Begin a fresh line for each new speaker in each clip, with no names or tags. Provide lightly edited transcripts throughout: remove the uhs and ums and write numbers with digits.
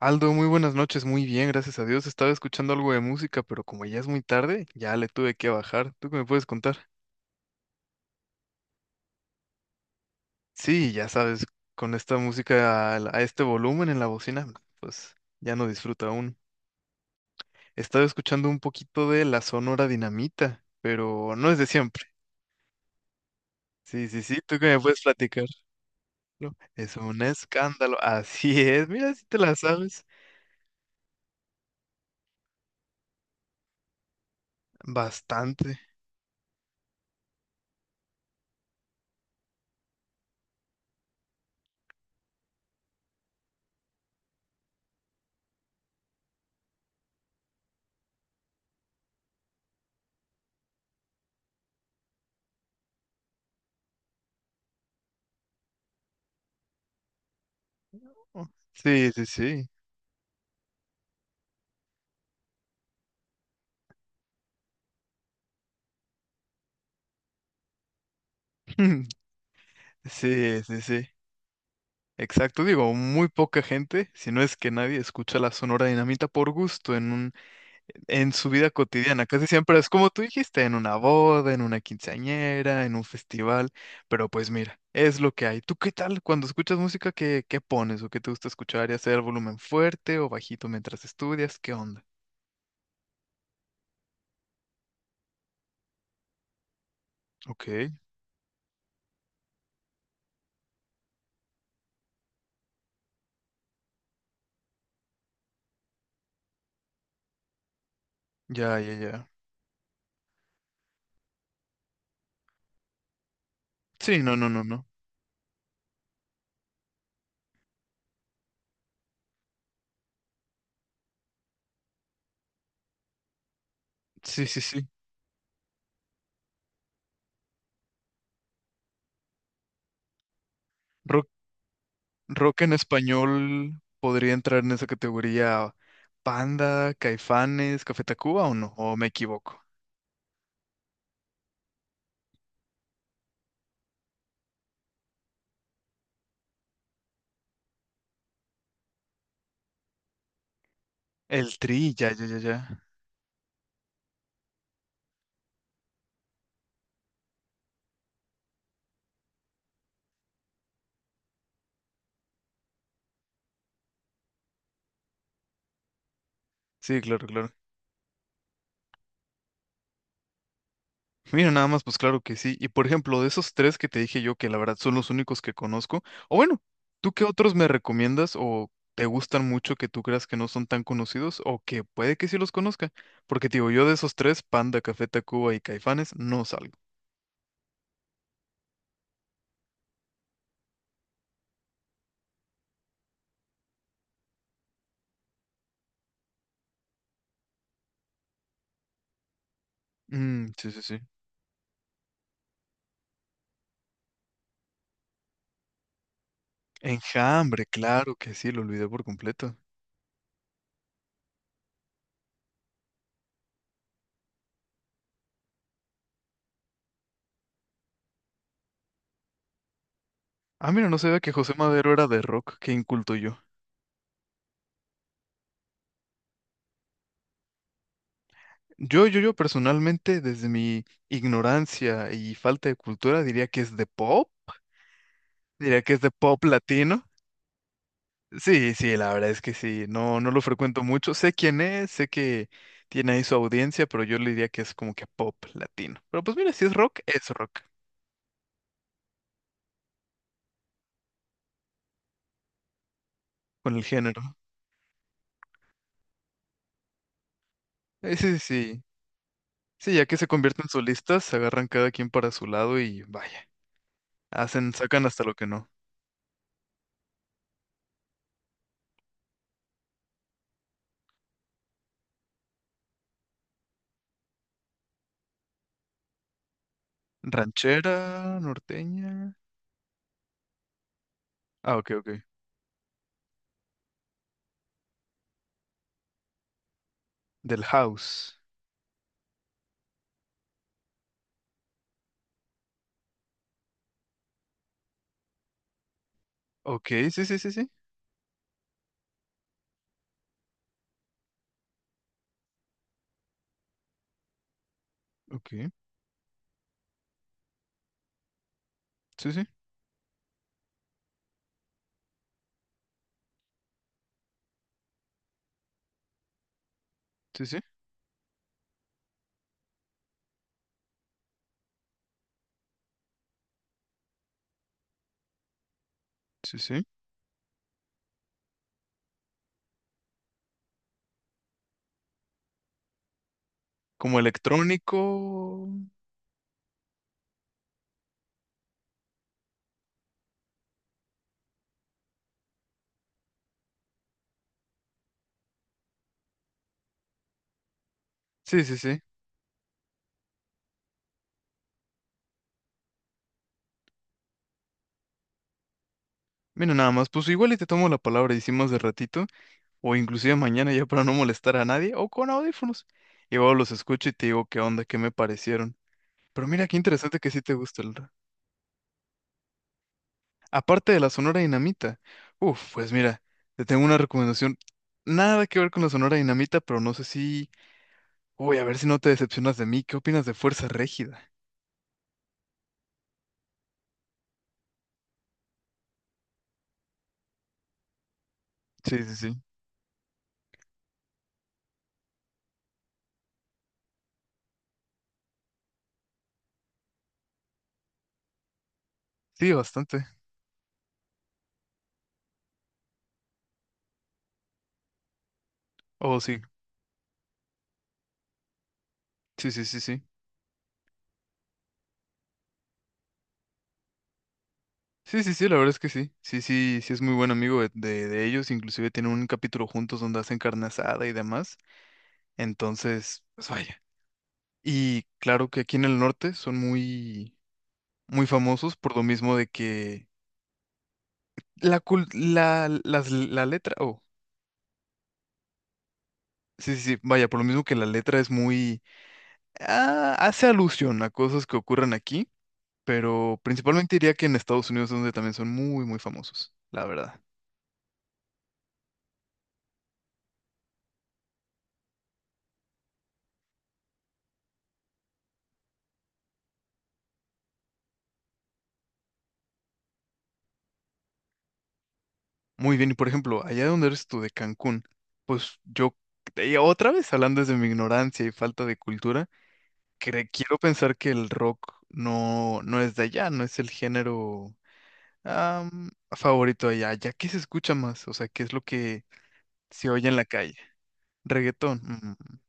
Aldo, muy buenas noches, muy bien, gracias a Dios. Estaba escuchando algo de música, pero como ya es muy tarde, ya le tuve que bajar. ¿Tú qué me puedes contar? Sí, ya sabes, con esta música a, este volumen en la bocina, pues ya no disfruta aún. Estaba escuchando un poquito de la Sonora Dinamita, pero no es de siempre. Sí, sí, sí, ¿tú qué me puedes platicar? No, es un escándalo, así es, mira si te la sabes. Bastante. Oh, sí, sí, sí. Sí, sí, sí. Exacto, digo, muy poca gente, si no es que nadie escucha la Sonora Dinamita por gusto en su vida cotidiana. Casi siempre es como tú dijiste, en una boda, en una quinceañera, en un festival, pero pues mira, es lo que hay. ¿Tú qué tal cuando escuchas música? ¿Qué pones o qué te gusta escuchar y hacer el volumen fuerte o bajito mientras estudias? ¿Qué onda? Ok, ya, ya, ya. Sí, no, no, no, no. Sí, sí, sí. Rock en español podría entrar en esa categoría. Panda, Caifanes, Café Tacuba, o no, o me equivoco. El Tri, ya, ya, ya, ya. Sí, claro, claro. Mira, nada más, pues claro que sí. Y por ejemplo, de esos tres que te dije yo, que la verdad son los únicos que conozco, o bueno, ¿tú qué otros me recomiendas o te gustan mucho que tú creas que no son tan conocidos o que puede que sí los conozca? Porque te digo, yo de esos tres, Panda, Café Tacuba y Caifanes, no salgo. Mm, sí, sí, sí. Enjambre, claro que sí, lo olvidé por completo. Ah, mira, no sabía que José Madero era de rock, qué inculto yo. Yo personalmente, desde mi ignorancia y falta de cultura, diría que es de pop, diría que es de pop latino. Sí, sí, la verdad es que sí, no, no lo frecuento mucho. Sé quién es, sé que tiene ahí su audiencia, pero yo le diría que es como que pop latino. Pero pues mira, si es rock, es rock, con el género. Sí, sí, sí. Sí, ya que se convierten solistas, se agarran cada quien para su lado y vaya. Hacen, sacan hasta lo que no. Ranchera, norteña. Ah, ok, ok. Del house. Ok, sí, sí, sí, sí. Ok, sí, sí, sí, sí, sí, sí. Como electrónico. Sí, sí, sí. Mira, nada más, pues igual y te tomo la palabra, hicimos de ratito, o inclusive mañana ya para no molestar a nadie, o con audífonos. Y luego los escucho y te digo qué onda, qué me parecieron. Pero mira, qué interesante que sí te gusta el, aparte de la Sonora Dinamita. Uf, pues mira, te tengo una recomendación. Nada que ver con la Sonora Dinamita, pero no sé si... Uy, a ver si no te decepcionas de mí. ¿Qué opinas de Fuerza Régida? Sí, sí, sí. Sí, bastante. Oh, sí. Sí, sí, sí, sí. Sí, sí, sí, la verdad es que sí. Sí, sí, sí, es muy buen amigo de ellos. Inclusive tienen un capítulo juntos donde hacen carne asada y demás. Entonces, pues vaya. Y claro que aquí en el norte son muy, muy famosos por lo mismo de que la, cul- la, las- la letra, o sí, sí, sí, vaya, por lo mismo que la letra es muy... ah, hace alusión a cosas que ocurren aquí, pero principalmente diría que en Estados Unidos es donde también son muy, muy famosos, la verdad. Muy bien, y por ejemplo, allá donde eres tú, de Cancún, pues yo, y otra vez hablando desde mi ignorancia y falta de cultura, quiero pensar que el rock no, no es de allá, no es el género am, favorito allá. ¿Ya qué se escucha más? O sea, ¿qué es lo que se oye en la calle? Reggaetón. Mm, mm, mm.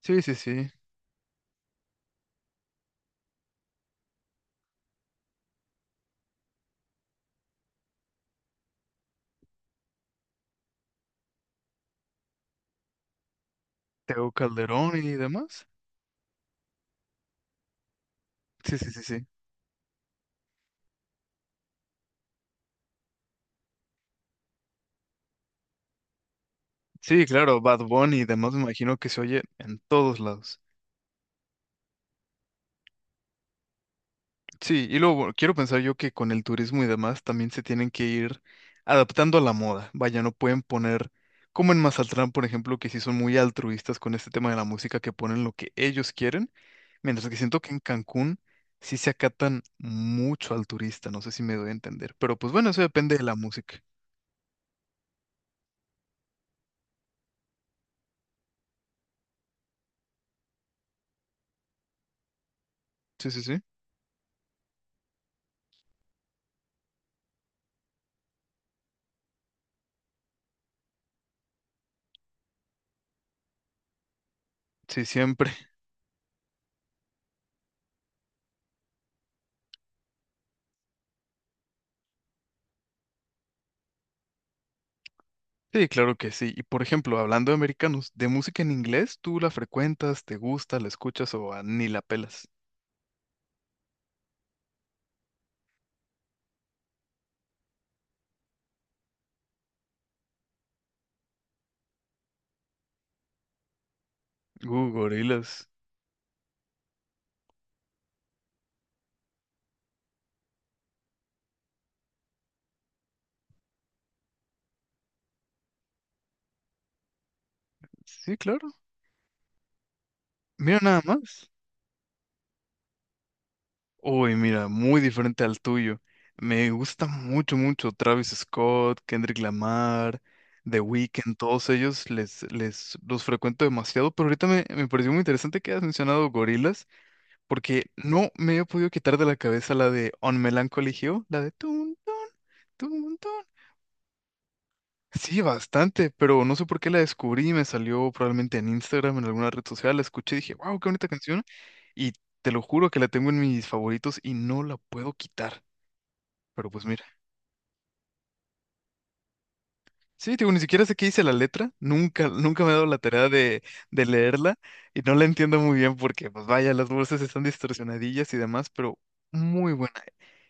Sí, sí, sí. Tego Calderón y demás. Sí, sí, sí, sí. Sí, claro, Bad Bunny y demás me imagino que se oye en todos lados. Sí, y luego bueno, quiero pensar yo que con el turismo y demás también se tienen que ir adaptando a la moda. Vaya, no pueden poner, como en Mazatlán, por ejemplo, que sí son muy altruistas con este tema de la música, que ponen lo que ellos quieren, mientras que siento que en Cancún sí se acatan mucho al turista, no sé si me doy a entender. Pero pues bueno, eso depende de la música. Sí, sí, sí. Sí, siempre. Sí, claro que sí. Y por ejemplo, hablando de americanos, ¿de música en inglés tú la frecuentas, te gusta, la escuchas o ah, ni la pelas? Gorilas. Sí, claro. Mira nada más. Uy, mira, muy diferente al tuyo. Me gusta mucho, mucho Travis Scott, Kendrick Lamar, The Weeknd, todos ellos les, les los frecuento demasiado, pero ahorita me pareció muy interesante que hayas mencionado gorilas, porque no me he podido quitar de la cabeza la de On Melancholy Hill, la de tun, tun, tun, tun. Sí, bastante, pero no sé por qué la descubrí, me salió probablemente en Instagram, en alguna red social, la escuché y dije, wow, qué bonita canción. Y te lo juro que la tengo en mis favoritos y no la puedo quitar. Pero pues mira, sí, digo, ni siquiera sé qué dice la letra, nunca, nunca me he dado la tarea de, leerla y no la entiendo muy bien porque, pues vaya, las voces están distorsionadillas y demás, pero muy buena.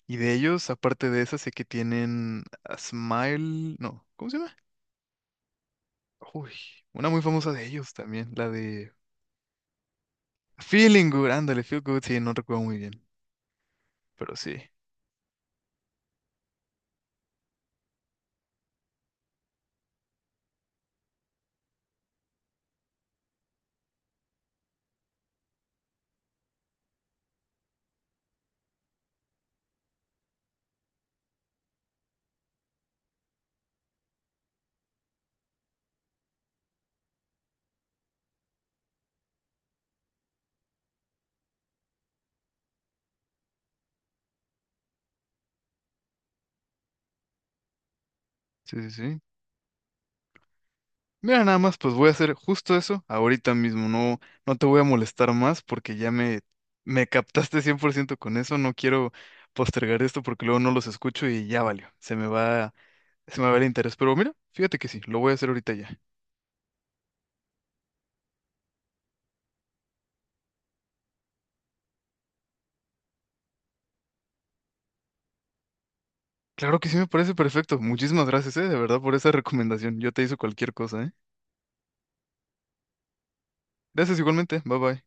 Y de ellos, aparte de esa, sé que tienen a Smile, no, ¿cómo se llama? Uy, una muy famosa de ellos también, la de... Feeling good, ándale, feel good, sí, no recuerdo muy bien, pero sí, sí, sí, sí. Mira, nada más, pues voy a hacer justo eso ahorita mismo, no, no te voy a molestar más porque ya me captaste 100% con eso, no quiero postergar esto porque luego no los escucho y ya valió, se me va el interés, pero mira, fíjate que sí, lo voy a hacer ahorita ya. Claro que sí, me parece perfecto, muchísimas gracias, de verdad, por esa recomendación, yo te hice cualquier cosa, eh. Gracias igualmente, bye bye.